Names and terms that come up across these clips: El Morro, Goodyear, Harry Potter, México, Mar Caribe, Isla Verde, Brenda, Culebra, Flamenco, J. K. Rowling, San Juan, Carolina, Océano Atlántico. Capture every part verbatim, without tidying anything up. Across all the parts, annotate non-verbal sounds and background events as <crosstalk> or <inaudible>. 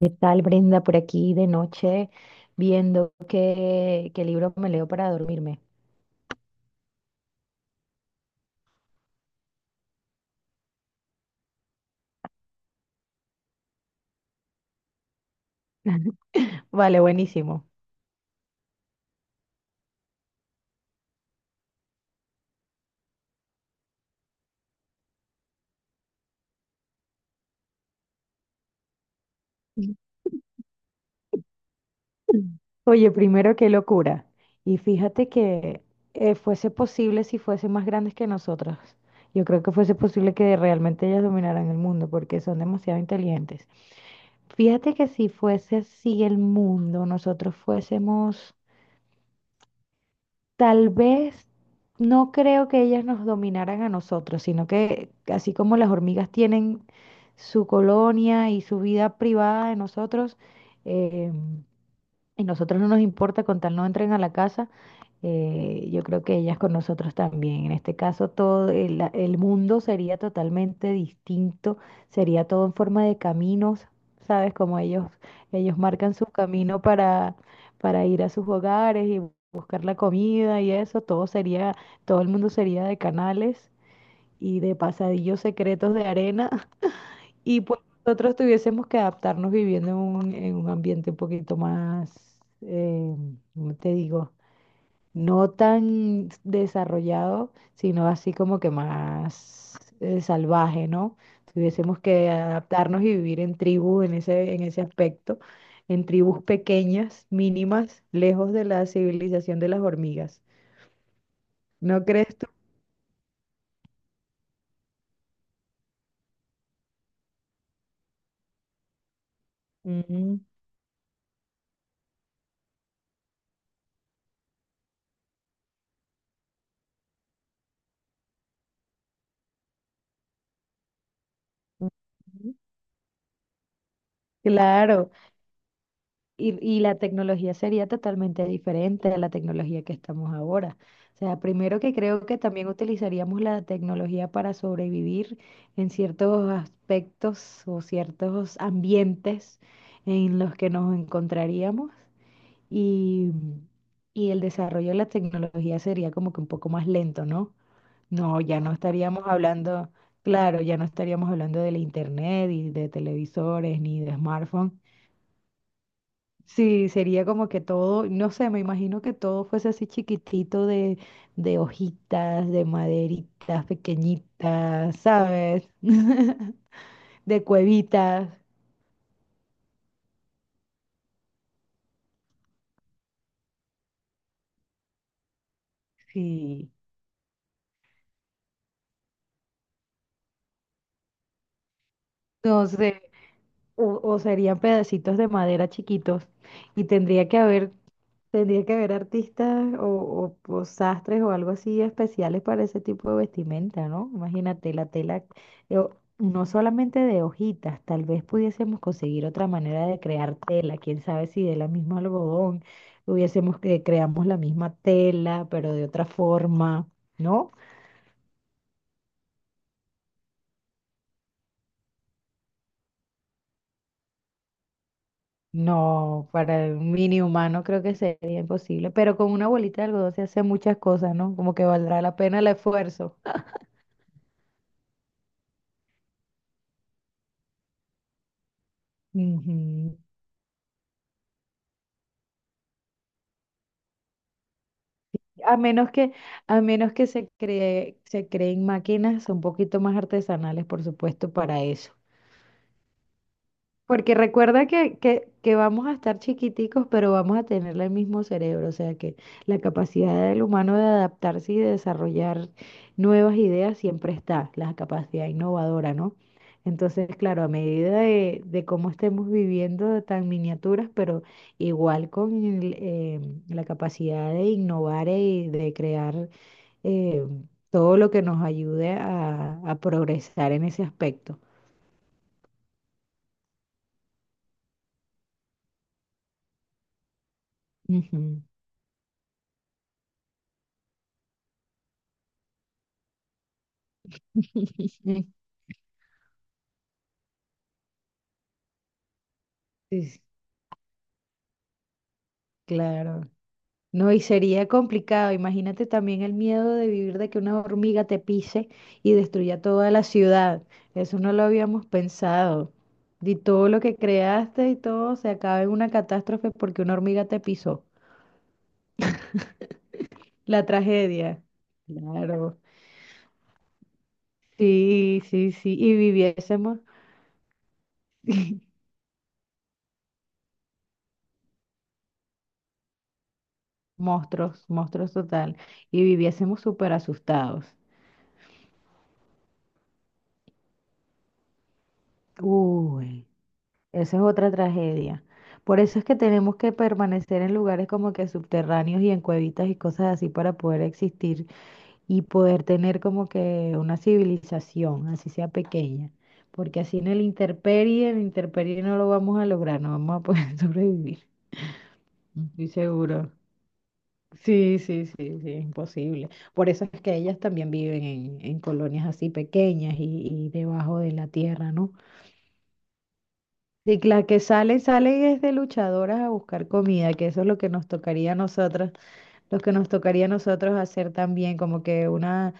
¿Qué tal, Brenda? Por aquí de noche viendo qué, qué libro me leo para dormirme. <laughs> Vale, buenísimo. Oye, primero, qué locura. Y fíjate que eh, fuese posible si fuesen más grandes que nosotras. Yo creo que fuese posible que realmente ellas dominaran el mundo porque son demasiado inteligentes. Fíjate que si fuese así el mundo, nosotros fuésemos tal vez... No creo que ellas nos dominaran a nosotros, sino que así como las hormigas tienen su colonia y su vida privada de nosotros, em, y nosotros no nos importa con tal no entren a la casa, eh, yo creo que ellas con nosotros también. En este caso, todo el, la- el mundo sería totalmente distinto, sería todo en forma de caminos, ¿sabes? Como ellos, ellos marcan su camino para, para ir a sus hogares y buscar la comida y eso, todo sería, todo el mundo sería de canales y de pasadillos secretos de arena. Y pues nosotros tuviésemos que adaptarnos viviendo en un, en un ambiente un poquito más, eh, ¿cómo te digo? No tan desarrollado, sino así como que más eh, salvaje, ¿no? Tuviésemos que adaptarnos y vivir en tribu en ese, en ese aspecto, en tribus pequeñas, mínimas, lejos de la civilización de las hormigas. ¿No crees tú? Ujú. Ujú. Claro. Y, y la tecnología sería totalmente diferente a la tecnología que estamos ahora. O sea, primero que creo que también utilizaríamos la tecnología para sobrevivir en ciertos aspectos o ciertos ambientes en los que nos encontraríamos y, y el desarrollo de la tecnología sería como que un poco más lento, ¿no? No, ya no estaríamos hablando, claro, ya no estaríamos hablando del internet y de televisores ni de smartphones. Sí, sería como que todo, no sé, me imagino que todo fuese así chiquitito de, de hojitas, de maderitas pequeñitas, ¿sabes? <laughs> De cuevitas, sí. No sé, o, o serían pedacitos de madera chiquitos y tendría que haber... Tendría que haber artistas o, o, o sastres o algo así especiales para ese tipo de vestimenta, ¿no? Imagínate la tela, eh, o- no solamente de hojitas, tal vez pudiésemos conseguir otra manera de crear tela, quién sabe si de la misma algodón hubiésemos que creamos la misma tela, pero de otra forma, ¿no? No, para un mini humano creo que sería imposible, pero con una bolita de algodón se hace muchas cosas, ¿no? Como que valdrá la pena el esfuerzo. <laughs> A menos que, a menos que se cree, se creen máquinas un poquito más artesanales, por supuesto, para eso. Porque recuerda que, que, que vamos a estar chiquiticos, pero vamos a tener el mismo cerebro, o sea que la capacidad del humano de adaptarse y de desarrollar nuevas ideas siempre está, la capacidad innovadora, ¿no? Entonces, claro, a medida de, de cómo estemos viviendo de tan miniaturas, pero igual con el, eh, la capacidad de innovar y de crear eh, todo lo que nos ayude a, a progresar en ese aspecto. Ujú. Mm, sí, sí, claro. No, y sería complicado. Imagínate también el miedo de vivir de que una hormiga te pise y destruya toda la ciudad. Eso no lo habíamos pensado. Y todo lo que creaste y todo se acaba en una catástrofe porque una hormiga te pisó. La tragedia. Claro. Sí, sí, sí. Y viviésemos. Monstruos, monstruos total. Y viviésemos súper asustados. Uy, esa es otra tragedia. Por eso es que tenemos que permanecer en lugares como que subterráneos y en cuevitas y cosas así para poder existir y poder tener como que una civilización, así sea pequeña. Porque así en el intemperie, en el intemperie no lo vamos a lograr, no vamos a poder <laughs> sobrevivir. Estoy seguro. Sí, sí, sí, sí, es imposible. Por eso es que ellas también viven en, en colonias así pequeñas y, y debajo de la tierra, ¿no? Y las que salen, salen es de luchadoras a buscar comida, que eso es lo que nos tocaría a nosotras, lo que nos tocaría a nosotros hacer también, como que una,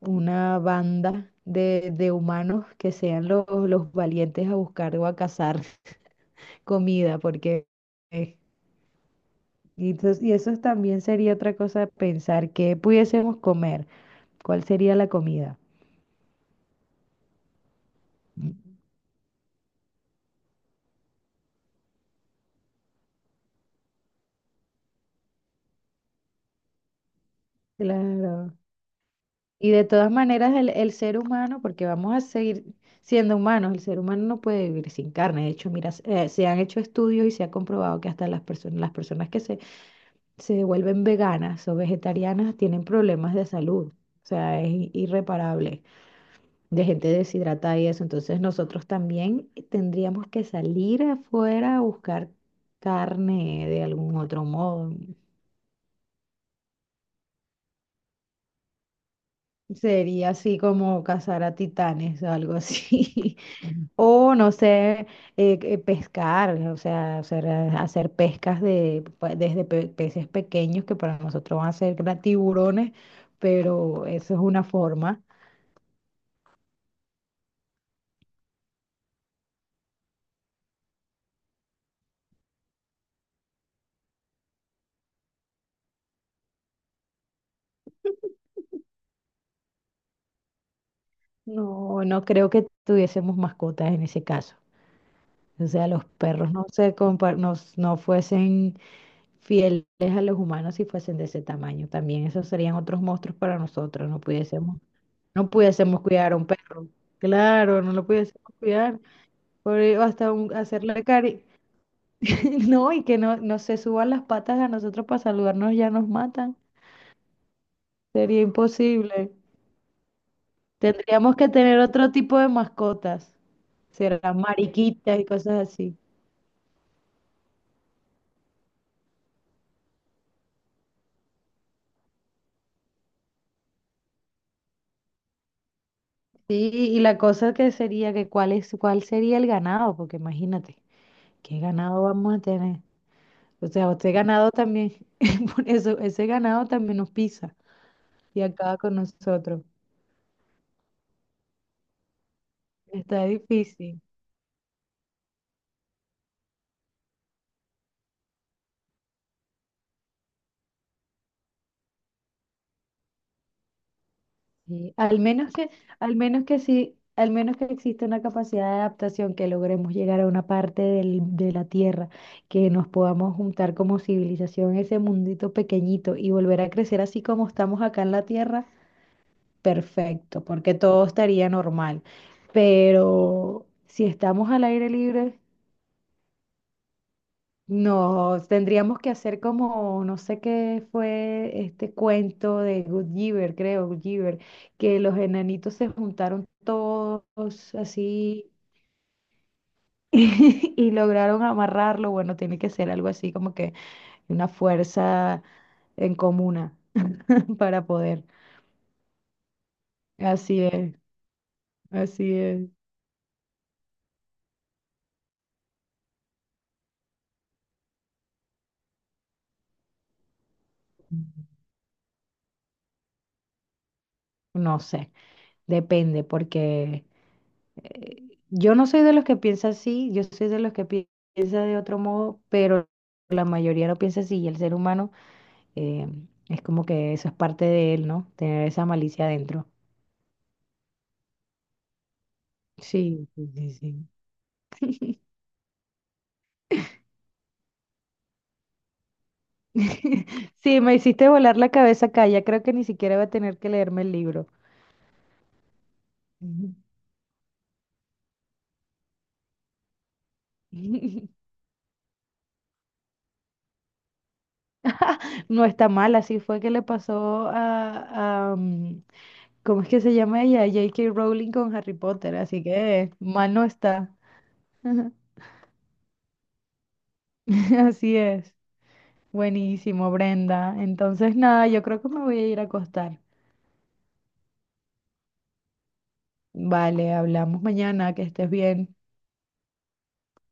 una banda de, de humanos que sean los, los valientes a buscar o a cazar <laughs> comida, porque... eh, y entonces- y eso también sería otra cosa pensar, ¿que pudiésemos comer? ¿Cuál sería la comida? Claro. Y de todas maneras, el, el ser humano, porque vamos a seguir siendo humanos, el ser humano no puede vivir sin carne. De hecho, mira, eh, se han hecho estudios y se ha comprobado que hasta las personas, las personas que se, se vuelven veganas o vegetarianas tienen problemas de salud. O sea, es i- irreparable, de gente deshidratada y eso. Entonces, nosotros también tendríamos que salir afuera a buscar carne de algún otro modo. Sería así como cazar a titanes o algo así. <laughs> O no sé, eh, eh, pescar, o sea, hacer, eh, hacer pescas de, pues, desde pe- peces pequeños que para nosotros van a ser gra- tiburones, pero eso es una forma. No, no creo que tuviésemos mascotas en ese caso. O sea, los perros no se compa- no, s- no fuesen fieles a los humanos si fuesen de ese tamaño. También esos serían otros monstruos para nosotros, no pudiésemos... No pudiésemos cuidar a un perro. Claro, no lo pudiésemos cuidar. Pobre- hasta un- hacerle cari. <laughs> No, y que no, no se suban las patas a nosotros para saludarnos, ya nos matan. Sería imposible. Tendríamos que tener otro tipo de mascotas. Serán mariquitas y cosas así. Sí, y la cosa que sería que cuál es, cuál sería el ganado, porque imagínate, ¿qué ganado vamos a tener? O sea, este ganado también, <laughs> por eso, ese ganado también nos pisa y acaba con nosotros. Está difícil. Sí. Al menos que, al menos que sí, al menos que exista una capacidad de adaptación, que logremos llegar a una parte del- de la Tierra, que nos podamos juntar como civilización, ese mundito pequeñito y volver a crecer así como estamos acá en la Tierra, perfecto, porque todo estaría normal. Pero si estamos al aire libre... No, tendríamos que hacer como, no sé qué fue este cuento de Goodyear, creo, Goodyear, que los enanitos se juntaron todos así <laughs> y lograron amarrarlo. Bueno, tiene que ser algo así como que una fuerza en comuna <laughs> para poder. Así es, así es. No sé, depende, porque eh, yo no soy de los que piensa así, yo soy de los que pi- piensa de otro modo, pero la mayoría no piensa así y el ser humano eh, es como que eso es parte de él, ¿no? Tener esa malicia adentro. Sí, sí, sí, sí. <laughs> Sí, me hiciste volar la cabeza acá, ya creo que ni siquiera voy a tener que leerme el libro. Ujú. <laughs> No está mal, así fue que le pasó a, a, mm, ¿cómo es que se llama ella? J K Rowling con Harry Potter, así que eh, mal no está. <laughs> Así es. Buenísimo, Brenda. Entonces, nada, yo creo que me voy a ir a acostar. Vale, hablamos mañana, que estés bien.